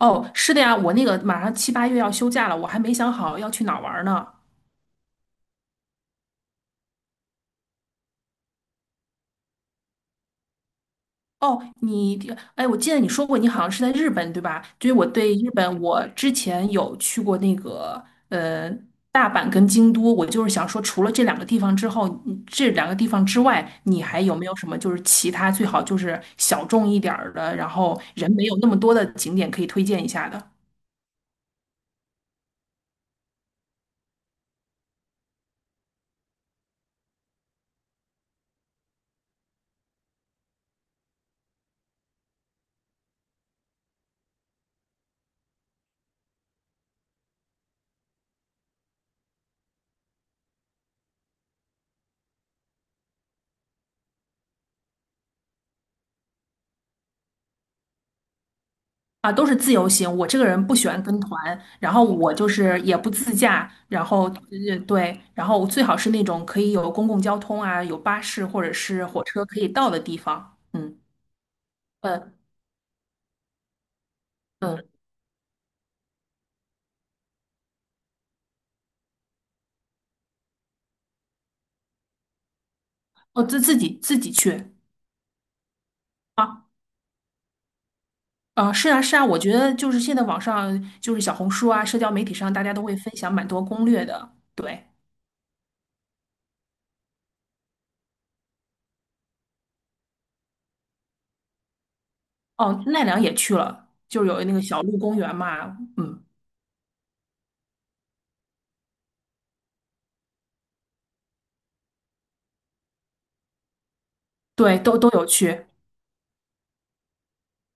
哦，是的呀，我那个马上七八月要休假了，我还没想好要去哪儿玩儿呢。哦，你，哎，我记得你说过你好像是在日本，对吧？所以我对日本，我之前有去过那个呃大阪跟京都，我就是想说，除了这两个地方之后，嗯这两个地方之外，你还有没有什么就是其他最好就是小众一点儿的，然后人没有那么多的景点可以推荐一下的？啊，都是自由行。我这个人不喜欢跟团，然后我就是也不自驾，然后对，然后最好是那种可以有公共交通啊，有巴士或者是火车可以到的地方。嗯，呃嗯，我自己去。啊啊，是啊是啊，我觉得就是现在网上就是小红书啊，社交媒体上大家都会分享蛮多攻略的。对，哦，奈良也去了，就是有那个小鹿公园嘛，嗯，对，都有去，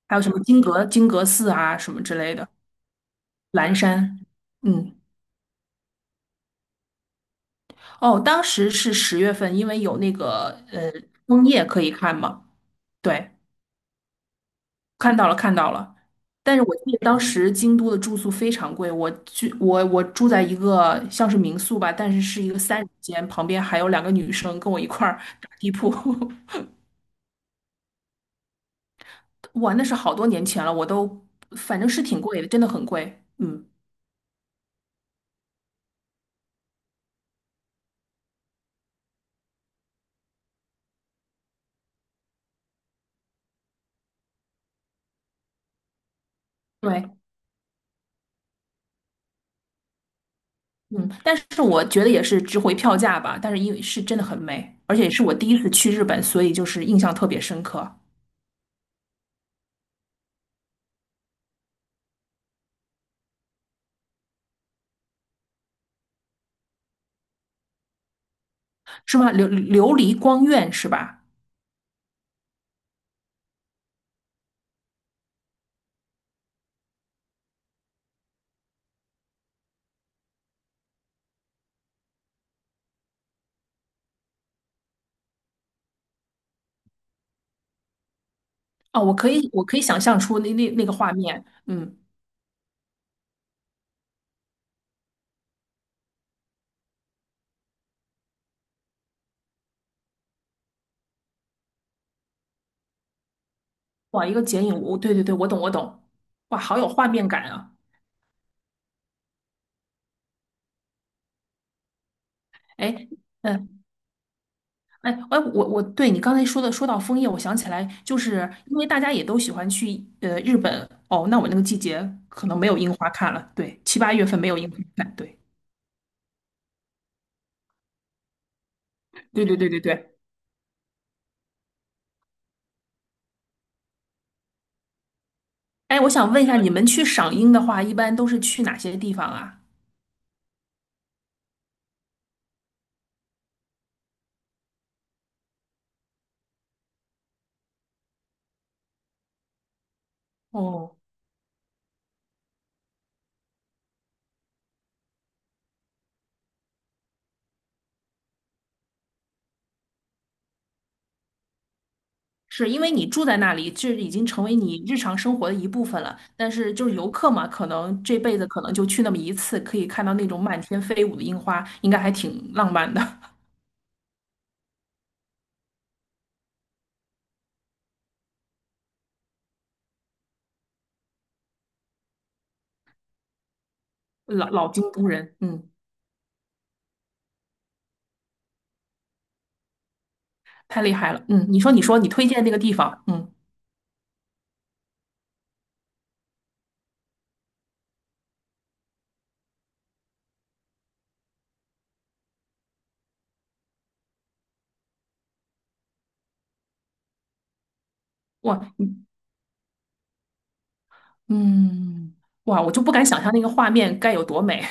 还有什么金阁寺啊什么之类的。蓝山，嗯，哦，当时是十月份，因为有那个枫叶可以看嘛，对，看到了看到了。但是我记得当时京都的住宿非常贵，我去，我住在一个像是民宿吧，但是是一个三人间，旁边还有两个女生跟我一块儿打地铺，哇，那是好多年前了，我都反正是挺贵的，真的很贵，嗯，对，嗯，但是我觉得也是值回票价吧。但是因为是真的很美，而且是我第一次去日本，所以就是印象特别深刻，是吗？琉璃光院是吧？哦，我可以，我可以想象出那那个画面，嗯，哇，一个剪影，我对对对，我懂我懂，哇，好有画面感啊！哎，嗯，哎哎，我对你刚才说的说到枫叶，我想起来，就是因为大家也都喜欢去日本哦，那我那个季节可能没有樱花看了，对，七八月份没有樱花看，对对对对对对。哎，我想问一下，你们去赏樱的话，一般都是去哪些地方啊？哦，是因为你住在那里，这已经成为你日常生活的一部分了。但是就是游客嘛，可能这辈子可能就去那么一次，可以看到那种满天飞舞的樱花，应该还挺浪漫的。老京都人，嗯，太厉害了，嗯，你说你说你推荐那个地方，嗯，哇，嗯，哇，我就不敢想象那个画面该有多美，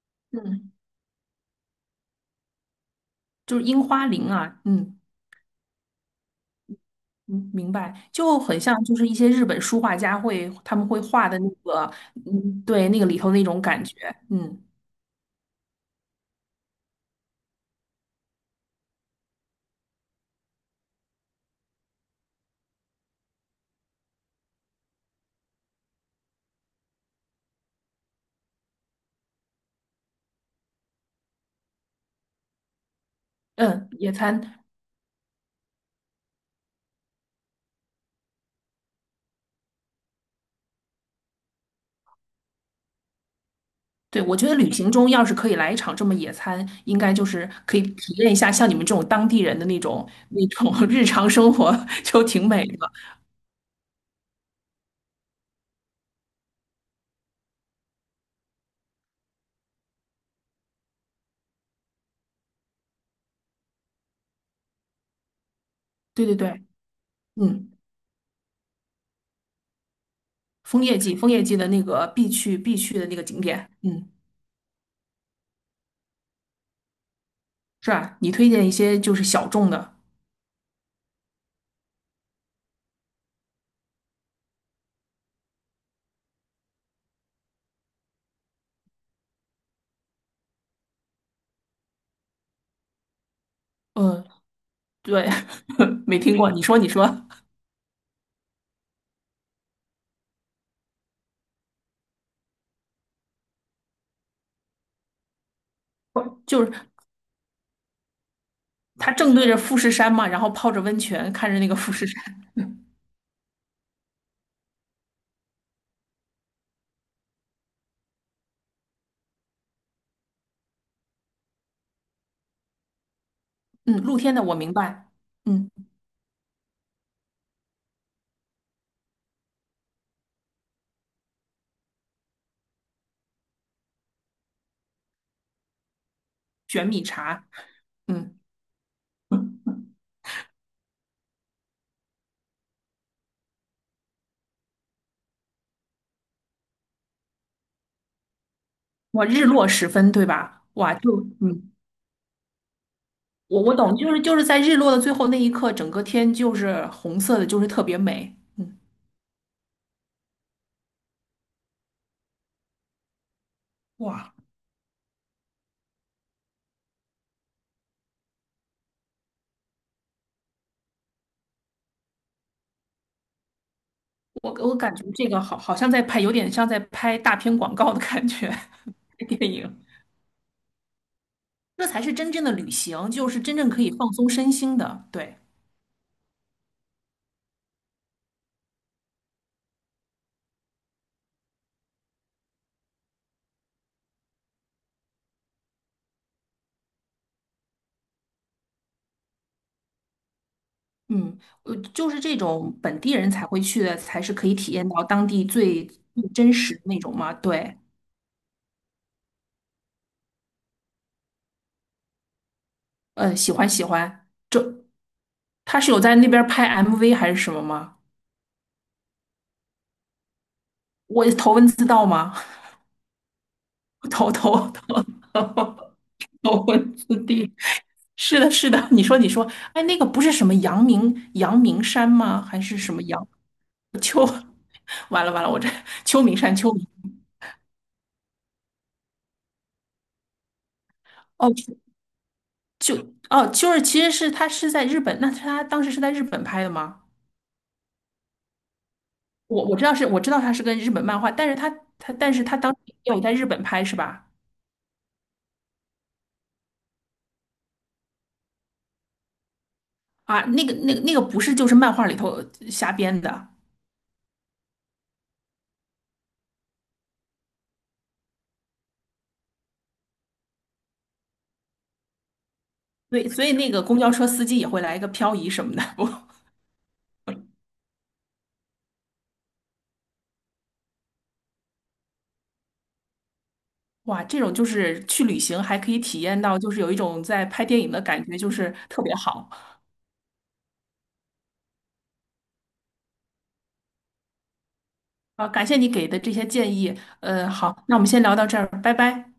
嗯，就是樱花林啊，嗯。嗯，明白，就很像就是一些日本书画家他们会画的那个，嗯，对，那个里头那种感觉，嗯嗯，野餐，对，我觉得旅行中要是可以来一场这么野餐，应该就是可以体验一下像你们这种当地人的那种 日常生活，就挺美的。对对对，嗯，枫叶季，枫叶季的那个必去的那个景点，嗯，是吧？你推荐一些就是小众的，嗯，对，没听过，你说你说。就是它正对着富士山嘛，然后泡着温泉，看着那个富士山。嗯，露天的我明白。嗯，卷米茶。嗯，哇，日落时分，对吧？哇，就嗯，我我懂，就是就是在日落的最后那一刻，整个天就是红色的，就是特别美。嗯，哇，我我感觉这个好像在拍，有点像在拍大片广告的感觉，电影。这才是真正的旅行，就是真正可以放松身心的。对。嗯，呃，就是这种本地人才会去的，才是可以体验到当地最真实的那种嘛。对，呃，喜欢喜欢。这他是有在那边儿拍 MV 还是什么吗？我头文字 D 吗？头头头头头文字 D。是的，是的。你说，你说，哎，那个不是什么阳明山吗？还是什么阳？完了完了，我这秋名哦，就哦，就是其实是他是在日本，那他当时是在日本拍的吗？我知道我知道它是跟日本漫画，但是它但是它当时也有在日本拍是吧？啊，那个不是就是漫画里头瞎编的，对，所以那个公交车司机也会来一个漂移什么的。我哇，这种就是去旅行还可以体验到，就是有一种在拍电影的感觉，就是特别好啊！感谢你给的这些建议，呃，好，那我们先聊到这儿，拜拜。